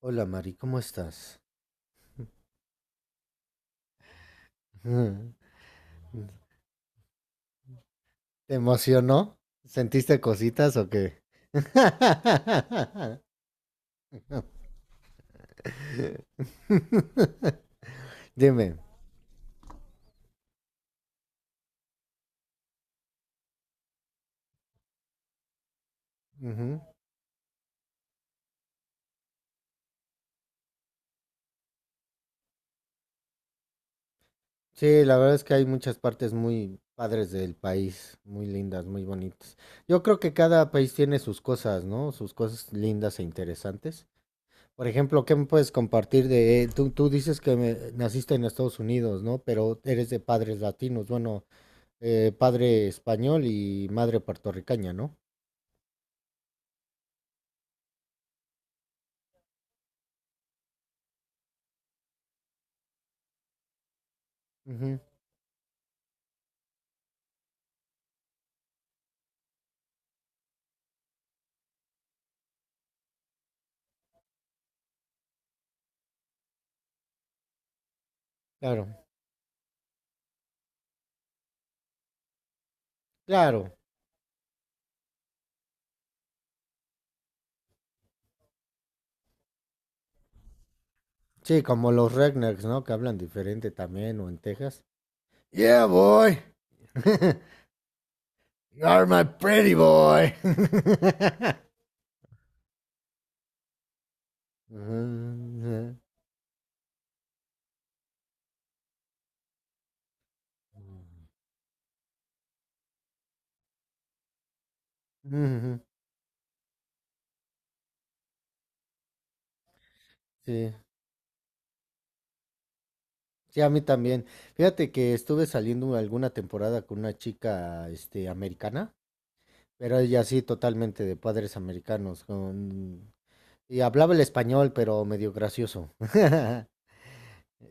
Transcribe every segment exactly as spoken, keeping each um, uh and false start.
Hola Mari, ¿cómo estás? Mm. ¿Te emocionó? ¿Sentiste cositas o qué? Dime. Ujú. Sí, la verdad es que hay muchas partes muy padres del país, muy lindas, muy bonitas. Yo creo que cada país tiene sus cosas, ¿no? Sus cosas lindas e interesantes. Por ejemplo, ¿qué me puedes compartir de... eh, Tú, tú dices que me- naciste en Estados Unidos, ¿no? Pero eres de padres latinos. Bueno, Eh, padre español y madre puertorriqueña, ¿no? Ujú, claro, claro. Sí, como los rednecks, ¿no? Que hablan diferente también, o en Texas. Yeah, boy. You are my pretty boy. Ujú, ujú, ujú. Sí, sí, a mí también. Fíjate que estuve saliendo alguna temporada con una chica, este, americana, pero ella sí, totalmente de padres americanos, con... y hablaba el español, pero medio gracioso.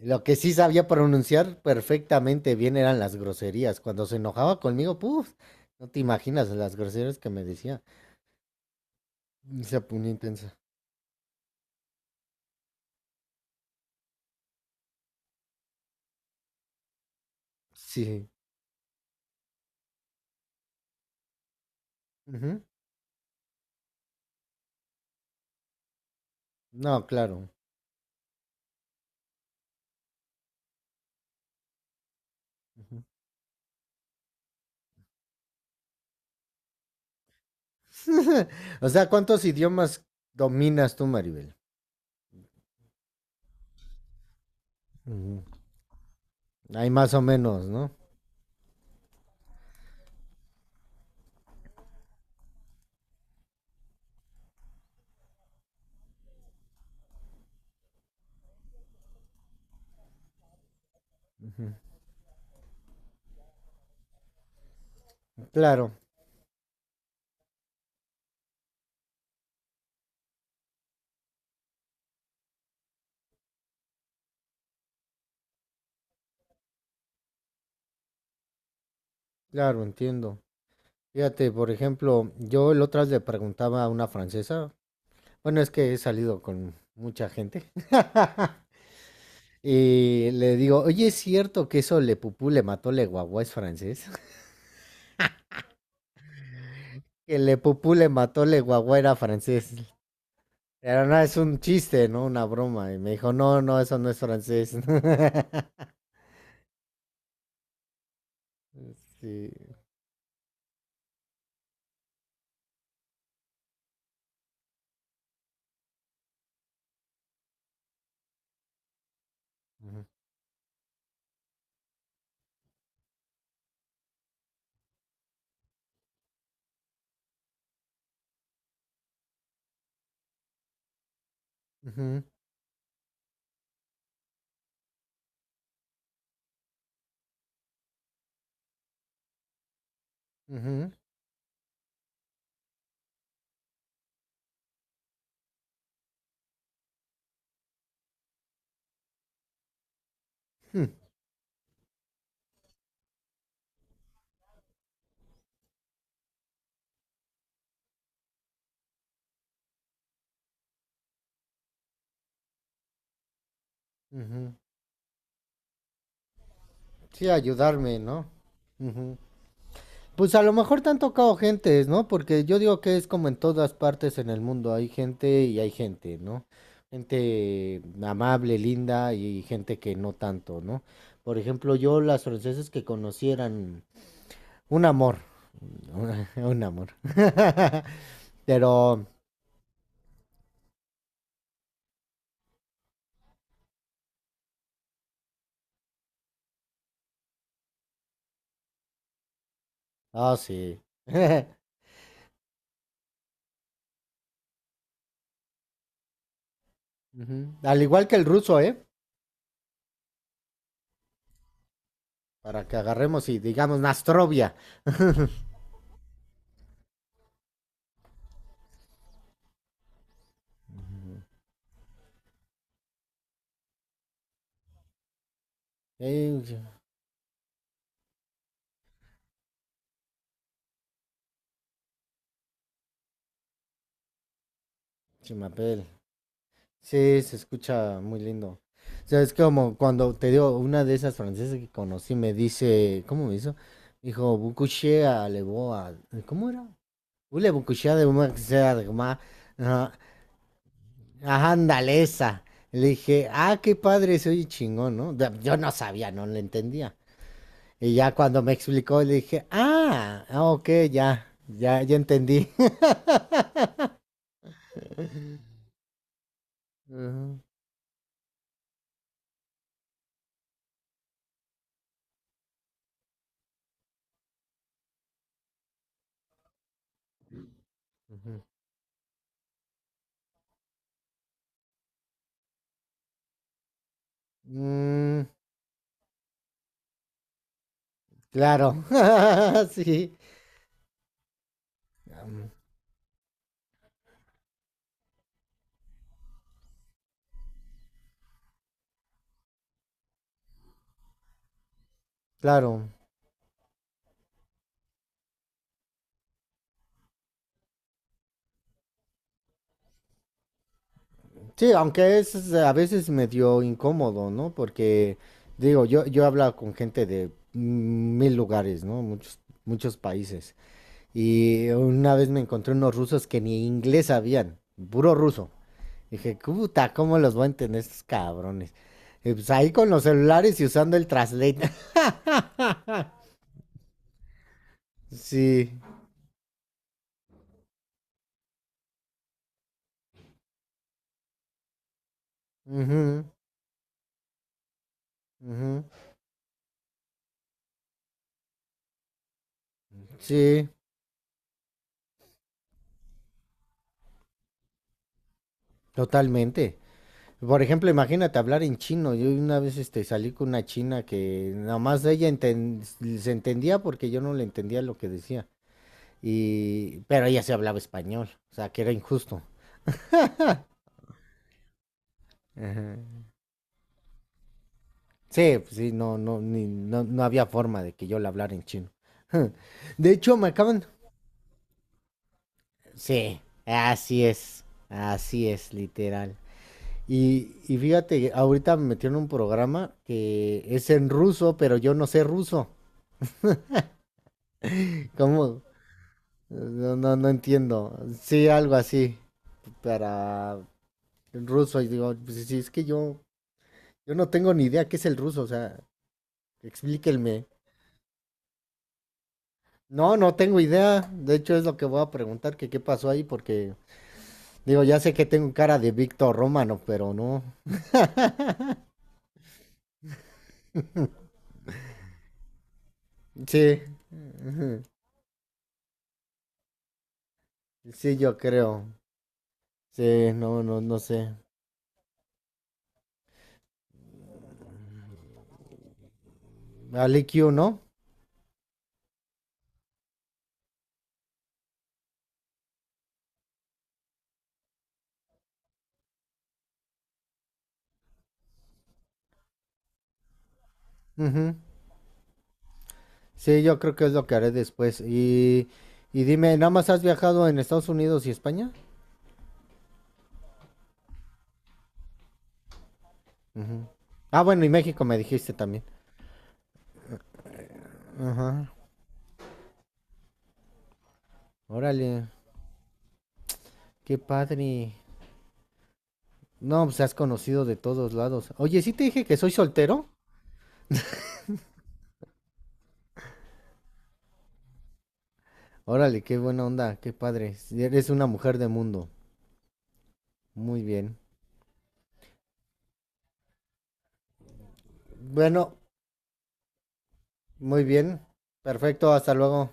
Lo que sí sabía pronunciar perfectamente bien eran las groserías. Cuando se enojaba conmigo, puf, no te imaginas las groserías que me decía. Se ponía intensa. Sí. Ujú. No, claro. Ujú. O sea, ¿cuántos idiomas dominas tú, Maribel? Ujú. Hay más o menos, ¿no? Claro, claro, entiendo. Fíjate, por ejemplo, yo el otro día le preguntaba a una francesa. Bueno, es que he salido con mucha gente. Y le digo, oye, ¿es cierto que eso Le Pupú le mató Le Guagua es francés? Que Le Pupú le mató Le Guagua era francés. Pero no, es un chiste, ¿no? Una broma. Y me dijo, no, no, eso no es francés. Sí. Ujú, ujú, ujú. Hmm. Ujú. Sí, ayudarme, ¿no? Ujú. Pues a lo mejor te han tocado gentes, ¿no? Porque yo digo que es como en todas partes en el mundo, hay gente y hay gente, ¿no? Gente amable, linda y gente que no tanto, ¿no? Por ejemplo, yo las francesas que conocieran un amor, un amor. Pero, ah, sí. Ujú. Al igual que el ruso, ¿eh? Para que agarremos y digamos Nastrovia. Eh, chimapel. Sí, se escucha muy lindo. O sea, es como cuando te digo, una de esas francesas que conocí me dice, ¿cómo me hizo? Dijo, Bukushé a Leboa. ¿Cómo era? Ule Bukushé de una que sea de ma-. Ajá, ajá, ándale esa. Le dije, ah, qué padre, se oye chingón, ¿no? Da- Yo no sabía, no le entendía. Y ya cuando me explicó, le dije, ah, ah, ok, ya, ya, ya entendí. Ujú, ujú. Mm, claro, sí, um, claro. Sí, aunque es a veces medio incómodo, ¿no? Porque, digo, yo, yo he hablado con gente de mil lugares, ¿no? Muchos, muchos países. Y una vez me encontré unos rusos que ni inglés sabían, puro ruso. Dije, puta, ¿cómo los voy a entender estos cabrones? Y pues ahí con los celulares y usando el translate. Sí. Ujú, ujú. Sí, totalmente. Por ejemplo, imagínate hablar en chino. Yo una vez este, salí con una china que nada más ella enten- se entendía porque yo no le entendía lo que decía. Y, pero ella sí hablaba español, o sea, que era injusto. Ajá. Sí, pues sí, no, no, ni- no, no había forma de que yo le hablara en chino. De hecho, me acaban... Sí, así es, así es, literal. Y, y fíjate, ahorita me metieron un programa que es en ruso, pero yo no sé ruso. ¿Cómo? No, no, no entiendo. Sí, algo así para el ruso. Y digo, pues sí, es que yo, yo no tengo ni idea qué es el ruso, o sea, explíquenme. No, no tengo idea. De hecho, es lo que voy a preguntar, que qué pasó ahí, porque digo, ya sé que tengo cara de Víctor Romano, pero no. Sí, ujú, sí, yo creo. Sí, no, no, no sé. ¿Al I Q, no? Ujú. Sí, yo creo que es lo que haré después. Y, y dime, ¿nada más has viajado en Estados Unidos y España? Ujú. Ah, bueno, y México me dijiste también. Ajá. Órale, qué padre. No, pues has conocido de todos lados. Oye, ¿sí te dije que soy soltero? Órale, qué buena onda, qué padre. Sí, eres una mujer de mundo. Muy bien. Bueno, muy bien. Perfecto, hasta luego.